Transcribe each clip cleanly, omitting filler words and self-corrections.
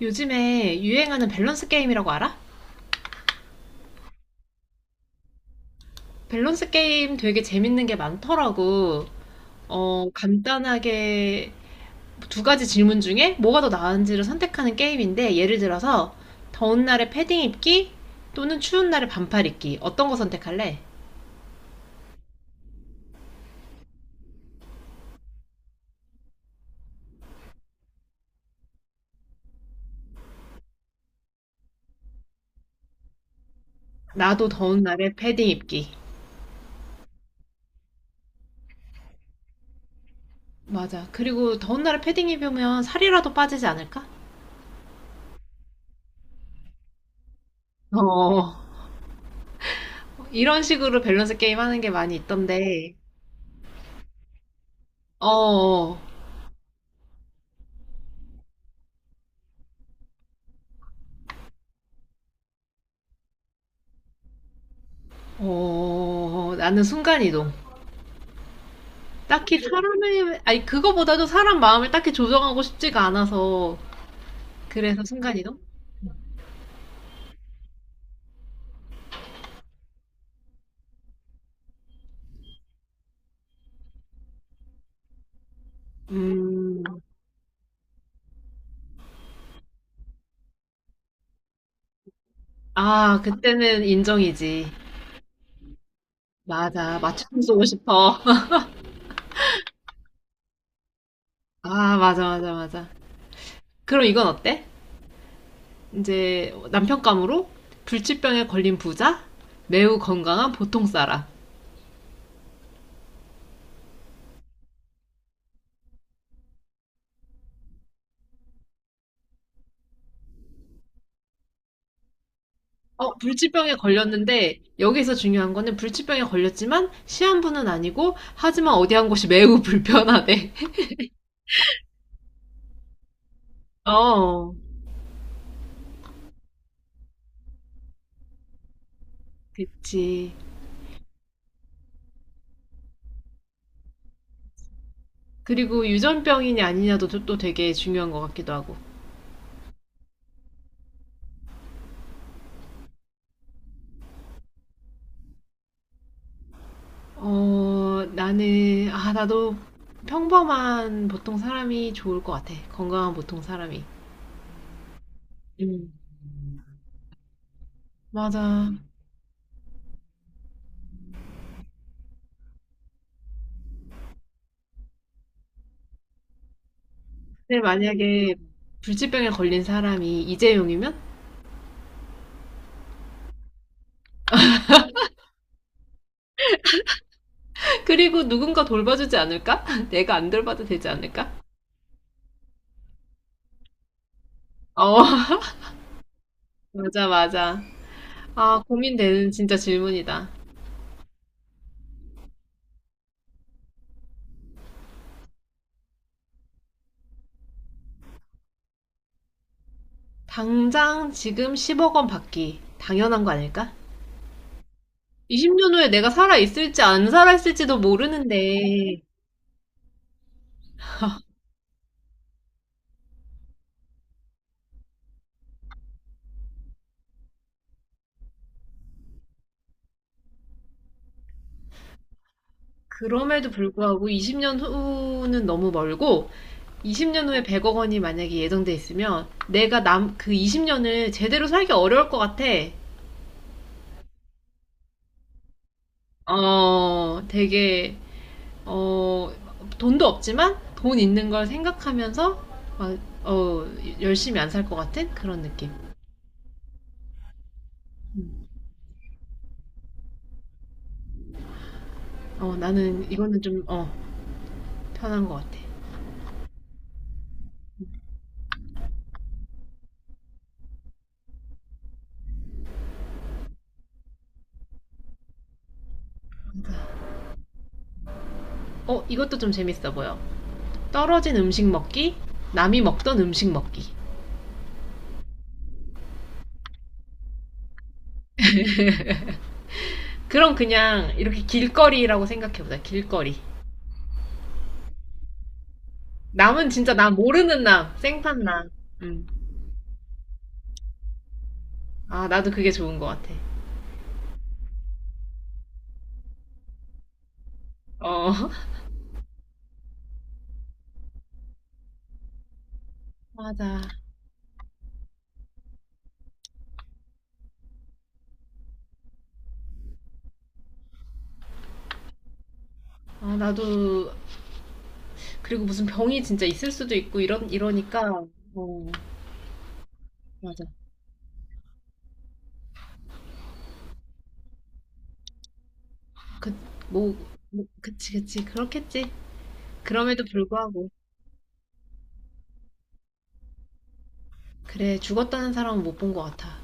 요즘에 유행하는 밸런스 게임이라고 알아? 밸런스 게임 되게 재밌는 게 많더라고. 간단하게 두 가지 질문 중에 뭐가 더 나은지를 선택하는 게임인데, 예를 들어서 더운 날에 패딩 입기 또는 추운 날에 반팔 입기. 어떤 거 선택할래? 나도 더운 날에 패딩 입기. 맞아. 그리고 더운 날에 패딩 입으면 살이라도 빠지지 않을까? 어, 이런 식으로 밸런스 게임 하는 게 많이 있던데, 어, 어, 나는 순간이동. 딱히 사람의, 아니, 그거보다도 사람 마음을 딱히 조정하고 싶지가 않아서. 그래서 순간이동? 음, 아, 그때는 인정이지. 맞아. 맞춤 쏘고 싶어. 아, 맞아, 맞아, 맞아. 그럼 이건 어때? 이제 남편감으로 불치병에 걸린 부자, 매우 건강한 보통 사람. 어, 불치병에 걸렸는데, 여기서 중요한 거는 불치병에 걸렸지만, 시한부는 아니고, 하지만 어디 한 곳이 매우 불편하대. 어, 그치. 그리고 유전병이냐 아니냐도 또 되게 중요한 것 같기도 하고. 어, 나는, 아, 나도 평범한 보통 사람이 좋을 것 같아. 건강한 보통 사람이. 음. 맞아. 근데 만약에 불치병에 걸린 사람이 이재용이면? 그리고 누군가 돌봐주지 않을까? 내가 안 돌봐도 되지 않을까? 어, 맞아, 맞아. 아, 고민되는 진짜 질문이다. 당장 지금 10억 원 받기. 당연한 거 아닐까? 20년 후에 내가 살아있을지 안 살아있을지도 모르는데, 그럼에도 불구하고 20년 후는 너무 멀고, 20년 후에 100억 원이 만약에 예정돼 있으면, 내가 남, 그 20년을 제대로 살기 어려울 것 같아. 어, 되게, 어, 돈도 없지만, 돈 있는 걸 생각하면서, 막, 어, 열심히 안 살 것 같은 그런 느낌. 음. 어, 나는 이거는 좀, 어, 편한 것 같아. 어, 이것도 좀 재밌어 보여. 떨어진 음식 먹기, 남이 먹던 음식 먹기. 그럼 그냥 이렇게 길거리라고 생각해보자, 길거리. 남은 진짜 나 모르는 남, 생판 남. 음. 아, 나도 그게 좋은 것 같아. 어, 맞아. 아, 나도, 그리고 무슨 병이 진짜 있을 수도 있고, 이런, 이러니까, 어, 맞아. 그, 뭐, 뭐, 그치, 그치. 그렇겠지. 그럼에도 불구하고. 그래, 죽었다는 사람은 못 본 것 같아.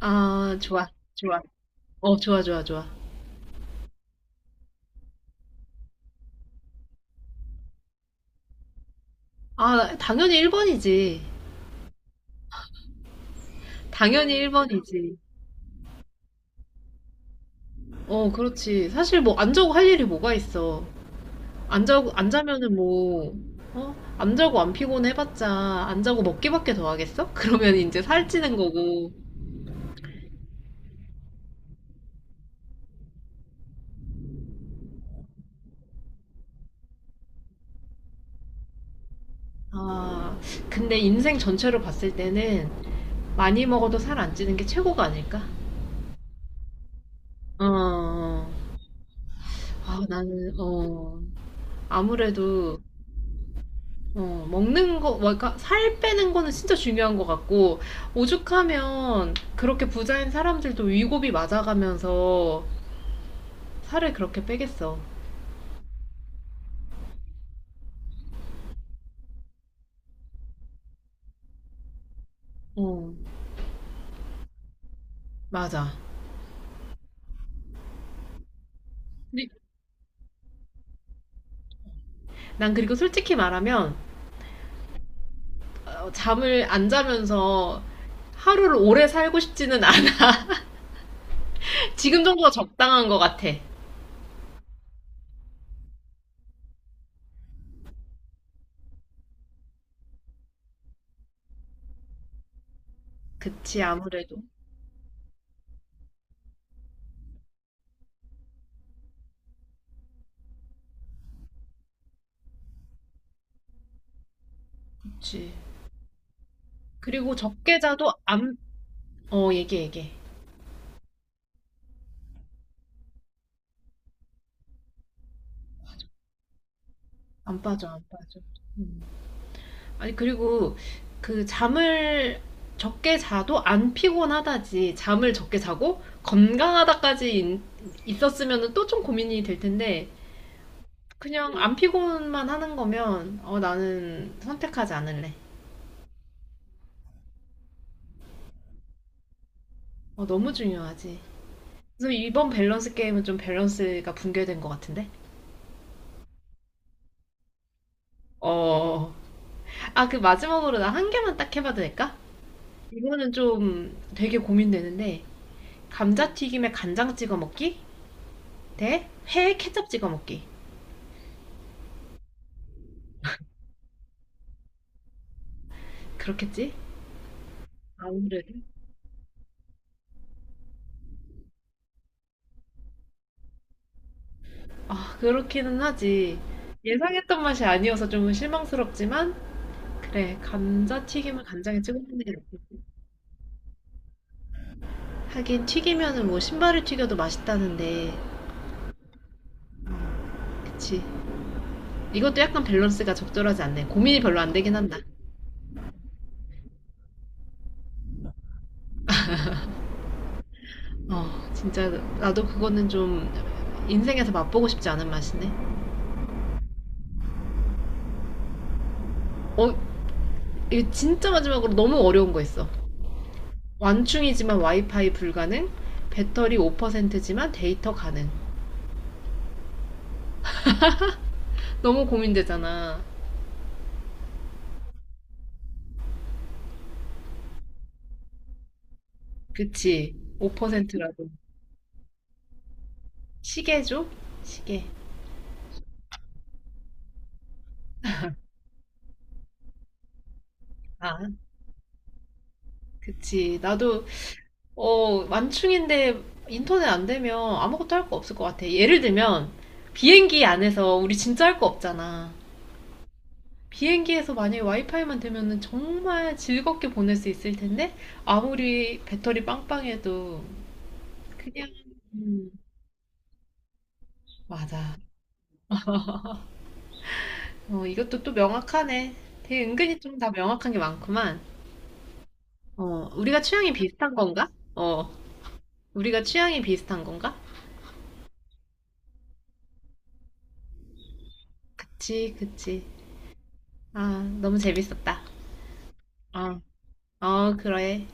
아, 좋아, 좋아. 어, 좋아, 좋아, 좋아. 아, 당연히 1번이지. 당연히 1번이지. 어, 그렇지. 사실 뭐 안 자고 할 일이 뭐가 있어. 안 자고 안 자면은 뭐 어? 안 자고 안 피곤해 봤자 안 자고 먹기밖에 더 하겠어? 그러면 이제 살찌는 거고. 아, 근데 인생 전체로 봤을 때는 많이 먹어도 살 안 찌는 게 최고가 아닐까? 어. 어. 아, 나는 어. 아무래도 어, 먹는 거, 뭐, 그러니까 살 빼는 거는 진짜 중요한 것 같고, 오죽하면 그렇게 부자인 사람들도 위고비 맞아가면서 살을 그렇게 빼겠어. 어, 맞아. 근데 난 그리고 솔직히 말하면, 어, 잠을 안 자면서 하루를 오래 살고 싶지는 않아. 지금 정도가 적당한 것 같아. 그치, 아무래도. 그치. 그리고 적게 자도 안, 어, 얘기해, 얘기해. 안 빠져, 안 빠져. 음. 아니 그리고 그 잠을 적게 자도 안 피곤하다지 잠을 적게 자고 건강하다까지 있었으면은 또 좀 고민이 될 텐데 그냥 안 피곤만 하는 거면 어 나는 선택하지 않을래. 어 너무 중요하지. 그래서 이번 밸런스 게임은 좀 밸런스가 붕괴된 것 같은데. 어. 아 그 마지막으로 나 한 개만 딱 해봐도 될까? 이거는 좀 되게 고민되는데 감자튀김에 간장 찍어 먹기 대 회에 케첩 찍어 먹기. 그렇겠지? 아무래도. 아, 그렇기는 하지. 예상했던 맛이 아니어서 좀 실망스럽지만, 그래, 감자튀김은 간장에 찍어 먹는 게 낫지. 하긴 튀기면은 뭐 신발을 튀겨도 맛있다는데, 그치. 이것도 약간 밸런스가 적절하지 않네. 고민이 별로 안 되긴 한다. 어, 진짜 나도 그거는 좀 인생에서 맛보고 싶지 않은 맛이네. 어, 이거 진짜 마지막으로 너무 어려운 거 있어. 완충이지만 와이파이 불가능, 배터리 5%지만 데이터 가능. 너무 고민되잖아. 그치. 5%라도. 시계죠? 시계. 아, 그치. 나도, 어, 만충인데 인터넷 안 되면 아무것도 할 거 없을 것 같아. 예를 들면, 비행기 안에서 우리 진짜 할 거 없잖아. 비행기에서 만약에 와이파이만 되면은 정말 즐겁게 보낼 수 있을 텐데, 아무리 배터리 빵빵해도, 그냥, 음, 맞아. 어, 이것도 또 명확하네. 되게 은근히 좀 다 명확한 게 많구만. 어, 우리가 취향이 비슷한 건가? 어. 우리가 취향이 비슷한 건가? 그치, 그치. 아, 너무 재밌었다. 어, 어, 그래.